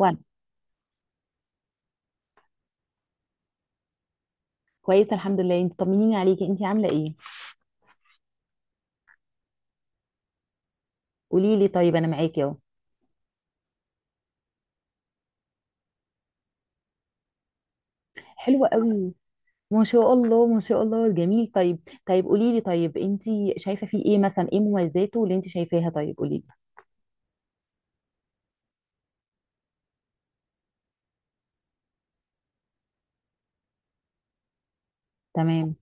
وانا كويسه الحمد لله، انت طمنيني عليكي، انت عامله ايه؟ قولي لي، طيب انا معاكي اهو. حلوه قوي. ما شاء الله ما شاء الله، جميل. طيب، طيب قولي لي، طيب انت شايفه فيه ايه؟ مثلا، ايه مميزاته اللي انت شايفاها؟ طيب قولي لي. تمام.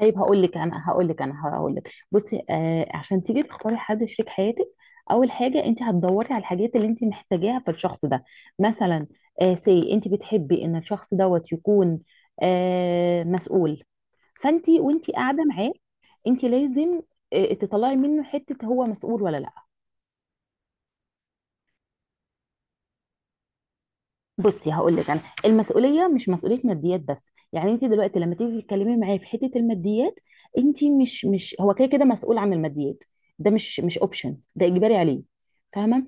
طيب هقول لك بصي، عشان تيجي تختاري حد شريك حياتك. اول حاجه، انت هتدوري على الحاجات اللي انت محتاجاها في الشخص ده. مثلا، سي انت بتحبي ان الشخص دوت يكون مسؤول. فانت وانت قاعده معاه، انت لازم، تطلعي منه حته هو مسؤول ولا لا. بصي، هقول لك انا المسؤوليه مش مسؤوليه ماديات بس. يعني انت دلوقتي لما تيجي تتكلمي معايا في حته الماديات، انت مش، هو كده كده مسؤول عن الماديات. ده مش اوبشن، ده اجباري عليه. فاهمه؟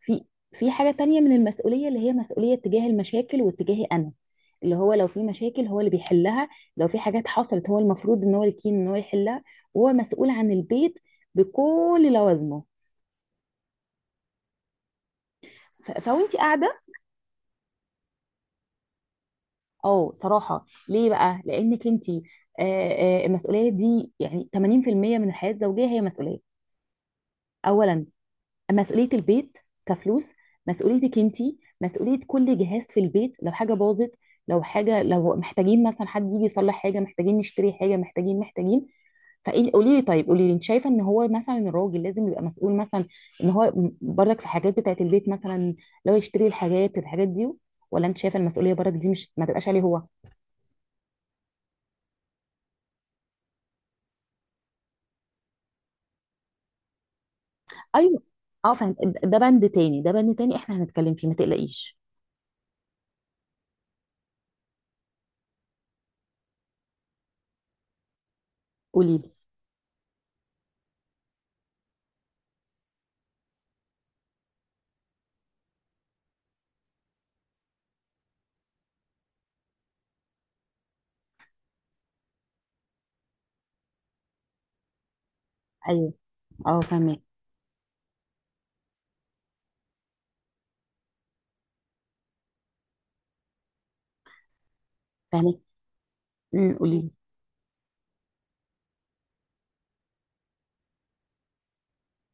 في في حاجه تانية من المسؤوليه، اللي هي مسؤوليه تجاه المشاكل واتجاهي انا. اللي هو لو في مشاكل، هو اللي بيحلها. لو في حاجات حصلت، هو المفروض ان هو الكين ان هو يحلها. وهو مسؤول عن البيت بكل لوازمه. فوانت قاعده. اه صراحة، ليه بقى؟ لأنك انتي، المسؤولية دي يعني 80% من الحياة الزوجية، هي مسؤولية. أولا، مسؤولية البيت، كفلوس. مسؤوليتك انتي، مسؤولية كل جهاز في البيت لو حاجة باظت. لو حاجة، لو محتاجين مثلا حد يجي يصلح حاجة، محتاجين نشتري حاجة، محتاجين. فقولي لي، طيب قولي لي، انت شايفه ان هو مثلا الراجل لازم يبقى مسؤول مثلا، ان هو برضك في حاجات بتاعت البيت مثلا، لو يشتري الحاجات دي؟ ولا انت شايفه المسؤوليه برضك دي مش ما تبقاش عليه هو؟ ايوه. اه فاهم، ده بند تاني، احنا هنتكلم فيه ما تقلقيش. قولي لي. ايوه. اه، فاهمك. قولي لي.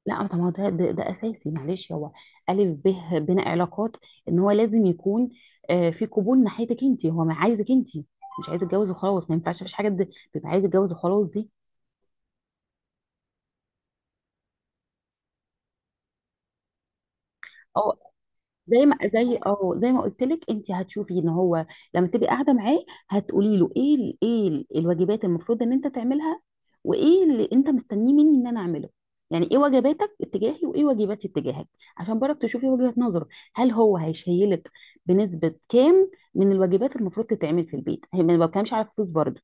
لا طب ما هو ده اساسي. معلش هو الف ب بين علاقات، ان هو لازم يكون، في قبول ناحيتك انت، هو ما عايزك انت. مش عايز يتجوز وخلاص، ما ينفعش مفيش حاجه تبقى عايز يتجوز وخلاص دي. اه، زي ما قلت لك، انت هتشوفي ان هو لما تبقي قاعده معاه، هتقولي له ايه الواجبات المفروض ان انت تعملها، وايه اللي انت مستنيه مني ان انا اعمله. يعني ايه واجباتك اتجاهي، وايه واجباتي اتجاهك، عشان برضك تشوفي وجهة نظره. هل هو هيشيلك بنسبه كام من الواجبات المفروض تتعمل في البيت؟ هي ما بتكلمش على الفلوس برضه،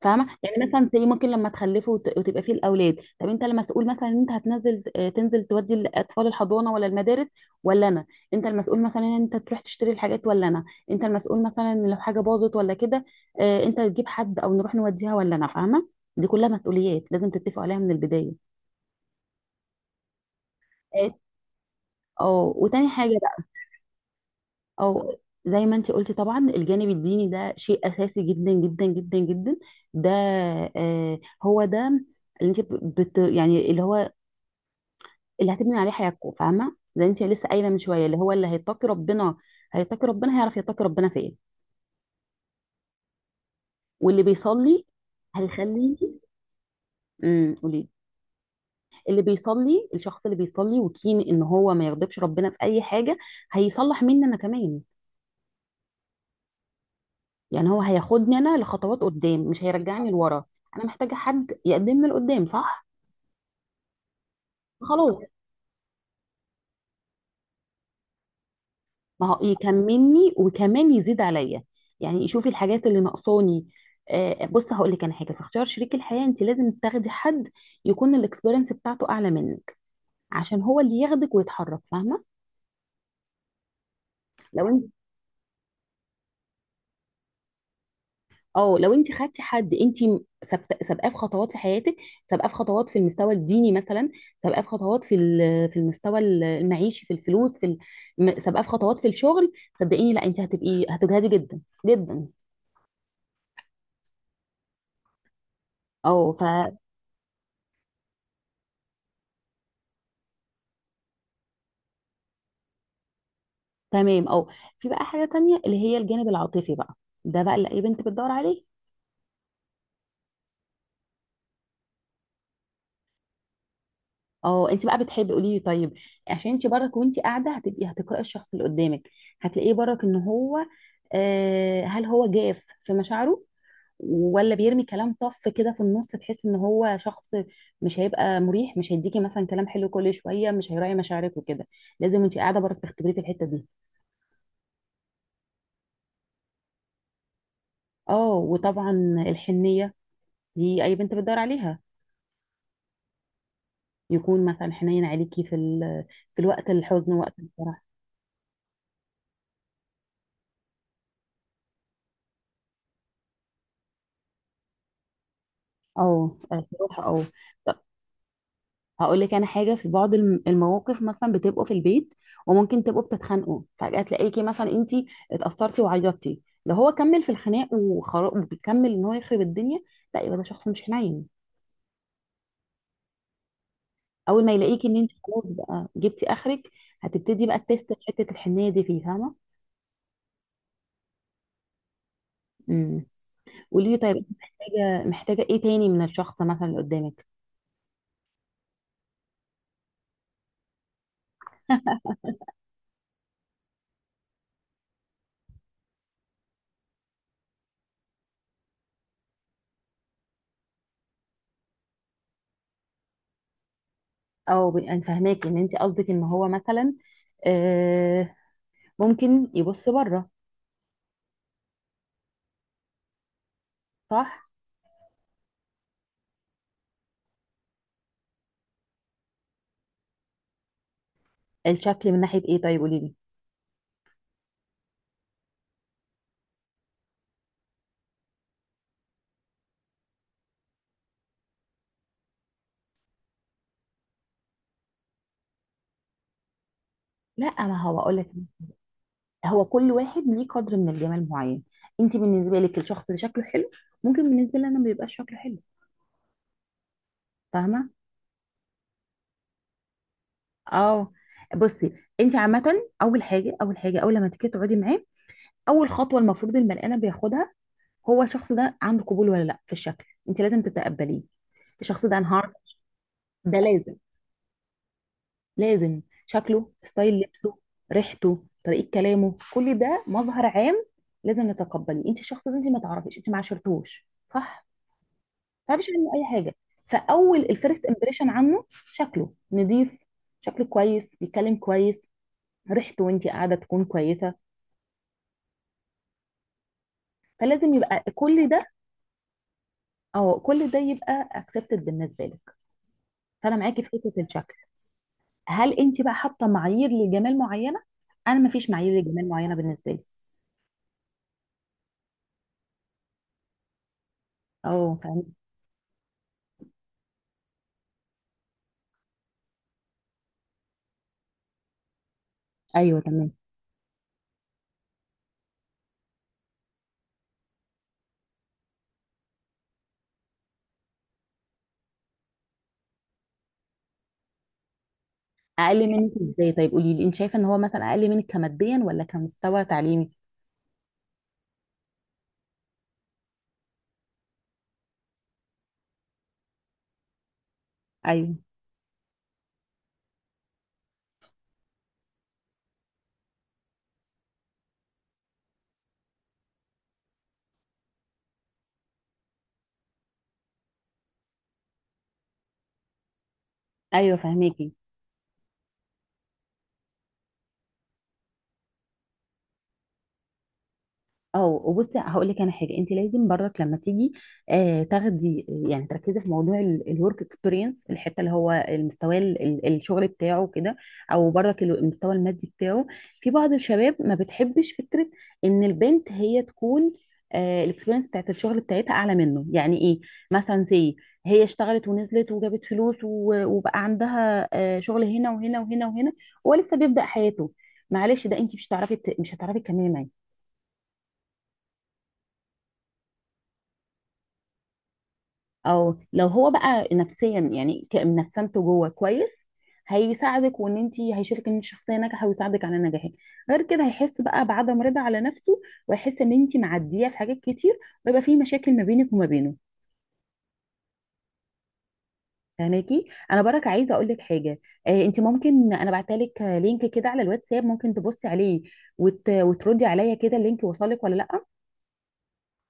فاهمه؟ يعني مثلا زي، ممكن لما تخلفوا وتبقى فيه الاولاد، طب انت المسؤول مثلا ان انت هتنزل آه، تنزل تودي الاطفال الحضانه ولا المدارس؟ ولا انا؟ انت المسؤول مثلا ان انت تروح تشتري الحاجات، ولا انا؟ انت المسؤول مثلا إن لو حاجه باظت ولا كده، انت تجيب حد او نروح نوديها، ولا انا؟ فاهمه. دي كلها مسؤوليات لازم تتفقوا عليها من البدايه. اه وتاني حاجه بقى، او زي ما انت قلتي، طبعا الجانب الديني ده شيء اساسي جدا جدا جدا جدا. ده، هو ده اللي انت يعني اللي هو اللي هتبني عليه حياتكم. فاهمه؟ زي انت لسه قايله من شويه اللي هو اللي هيتقي ربنا. هيتقي ربنا، هيعرف يتقي ربنا فين. واللي بيصلي هيخليكي. قولي. اللي بيصلي، الشخص اللي بيصلي وكين ان هو ما يغضبش ربنا في اي حاجه، هيصلح مني انا كمان. يعني هو هياخدني انا لخطوات قدام، مش هيرجعني لورا. انا محتاجه حد يقدمني لقدام، صح. خلاص، ما هو يكملني وكمان يزيد عليا. يعني يشوف الحاجات اللي ناقصاني. بص، هقول لك انا حاجه في اختيار شريك الحياه، انت لازم تاخدي حد يكون الاكسبيرينس بتاعته اعلى منك، عشان هو اللي ياخدك ويتحرك. فاهمه؟ لو انت اه لو انت خدتي حد انت سابقاه في خطوات في حياتك، سابقاه في خطوات في المستوى الديني مثلا، سابقاه في خطوات في في المستوى المعيشي في الفلوس سابقاه في خطوات في الشغل. صدقيني لا، انت هتبقي هتجهدي جدا جدا. اه. تمام، اه. في بقى حاجة تانية اللي هي الجانب العاطفي بقى، ده بقى اللي اي بنت بتدور عليه. اه، انت بقى بتحبي، قولي لي طيب. عشان انت برك وانت قاعدة هتبقي هتقرأي الشخص اللي قدامك، هتلاقيه برك ان هو، هل هو جاف في مشاعره؟ ولا بيرمي كلام طف كده في النص تحس ان هو شخص مش هيبقى مريح، مش هيديكي مثلا كلام حلو كل شوية، مش هيراعي مشاعرك وكده. لازم وانت قاعدة برك تختبريه في الحتة دي. اه وطبعا الحنية دي اي بنت بتدور عليها. يكون مثلا حنين عليكي في ال في الوقت الحزن، وقت الفرح. الفرح، اه. طب، هقول لك انا حاجه في بعض المواقف، مثلا بتبقوا في البيت وممكن تبقوا بتتخانقوا فجاه تلاقيكي مثلا انت اتاثرتي وعيطتي، لو هو كمل في الخناق وبيكمل ان هو يخرب الدنيا، لا، يبقى ده شخص مش حنين. اول ما يلاقيكي ان انت خلاص بقى جبتي اخرك، هتبتدي بقى تست حته الحنيه دي فيه. فاهمه؟ امم قولي لي طيب، انت محتاجه ايه تاني من الشخص مثلا اللي قدامك؟ انا فاهماك ان انت قصدك ان هو مثلا ممكن يبص بره، صح. الشكل من ناحية ايه؟ طيب قولي لي. لا، ما هو اقول لك، هو كل واحد ليه قدر من الجمال معين. انت بالنسبة لك الشخص اللي شكله حلو، ممكن بالنسبة لي انا ما بيبقاش شكله حلو. فاهمة؟ اه. بصي، انت عامة، اول لما تيجي تقعدي معاه، اول خطوة المفروض البني ادم بياخدها، هو الشخص ده عنده قبول ولا لا في الشكل. انت لازم تتقبليه. الشخص ده انا هعرف. ده لازم، لازم. شكله، ستايل لبسه، ريحته، طريقة كلامه، كل ده مظهر عام لازم نتقبليه. انت الشخص ده انت ما تعرفيش، انت ما عاشرتوش، صح. ما تعرفيش عنه اي حاجة. فاول الفيرست امبريشن عنه شكله نظيف، شكله كويس، بيتكلم كويس، ريحته وانت قاعدة تكون كويسة، فلازم يبقى كل ده. او كل ده يبقى اكسبتد بالنسبة لك. فانا معاكي في حتة الشكل. هل انت بقى حاطة معايير لجمال معينة؟ انا ما فيش معايير لجمال معينة بالنسبة لي. اه، فاهم. ايوه تمام. اقل منك ازاي؟ طيب قولي لي، انت شايفه ان هو مثلا اقل منك كماديا ولا كمستوى تعليمي؟ ايوه. ايوه فهميكي. اه، وبصي، هقول لك انا حاجه، انت لازم برضك لما تيجي تاخدي يعني تركزي في موضوع الورك اكسبيرينس، الحته اللي هو المستوى الشغل بتاعه كده، او برضك المستوى المادي بتاعه. في بعض الشباب ما بتحبش فكره ان البنت هي تكون، الاكسبيرينس بتاعت الشغل بتاعتها اعلى منه. يعني ايه؟ مثلا زي، هي اشتغلت ونزلت وجابت فلوس، وبقى عندها شغل هنا وهنا وهنا وهنا، ولسه بيبدأ حياته. معلش، ده انت مش هتعرفي، مش هتعرفي تكملي معاه. او لو هو بقى نفسيا يعني نفسانته جوه كويس، هيساعدك، وان انت هيشوفك ان الشخصيه ناجحه ويساعدك على نجاحك. غير كده هيحس بقى بعدم رضا على نفسه، ويحس ان انت معديه في حاجات كتير، ويبقى في مشاكل ما بينك وما بينه. فهماكي؟ انا برك عايزه اقول لك حاجه، انت ممكن، انا بعتلك لينك كده على الواتساب، ممكن تبصي عليه وتردي عليا كده اللينك وصلك ولا لا.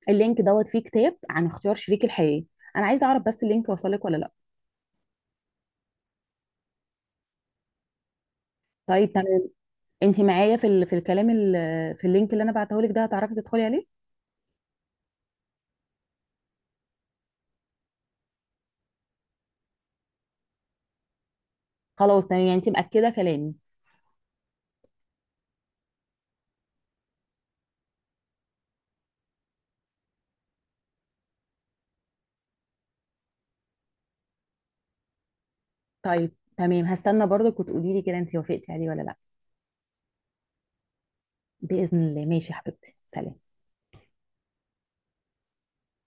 اللينك دوت فيه كتاب عن اختيار شريك الحياه. انا عايزه اعرف بس اللينك وصلك ولا لا. طيب تمام. انت معايا في في الكلام في اللينك اللي انا بعته لك ده هتعرفي تدخلي عليه؟ خلاص تمام. يعني انت مأكدة كلامي؟ طيب تمام، هستنى برضك وتقولي لي كده انت وافقتي عليه ولا لا. بإذن الله، ماشي يا حبيبتي، سلام.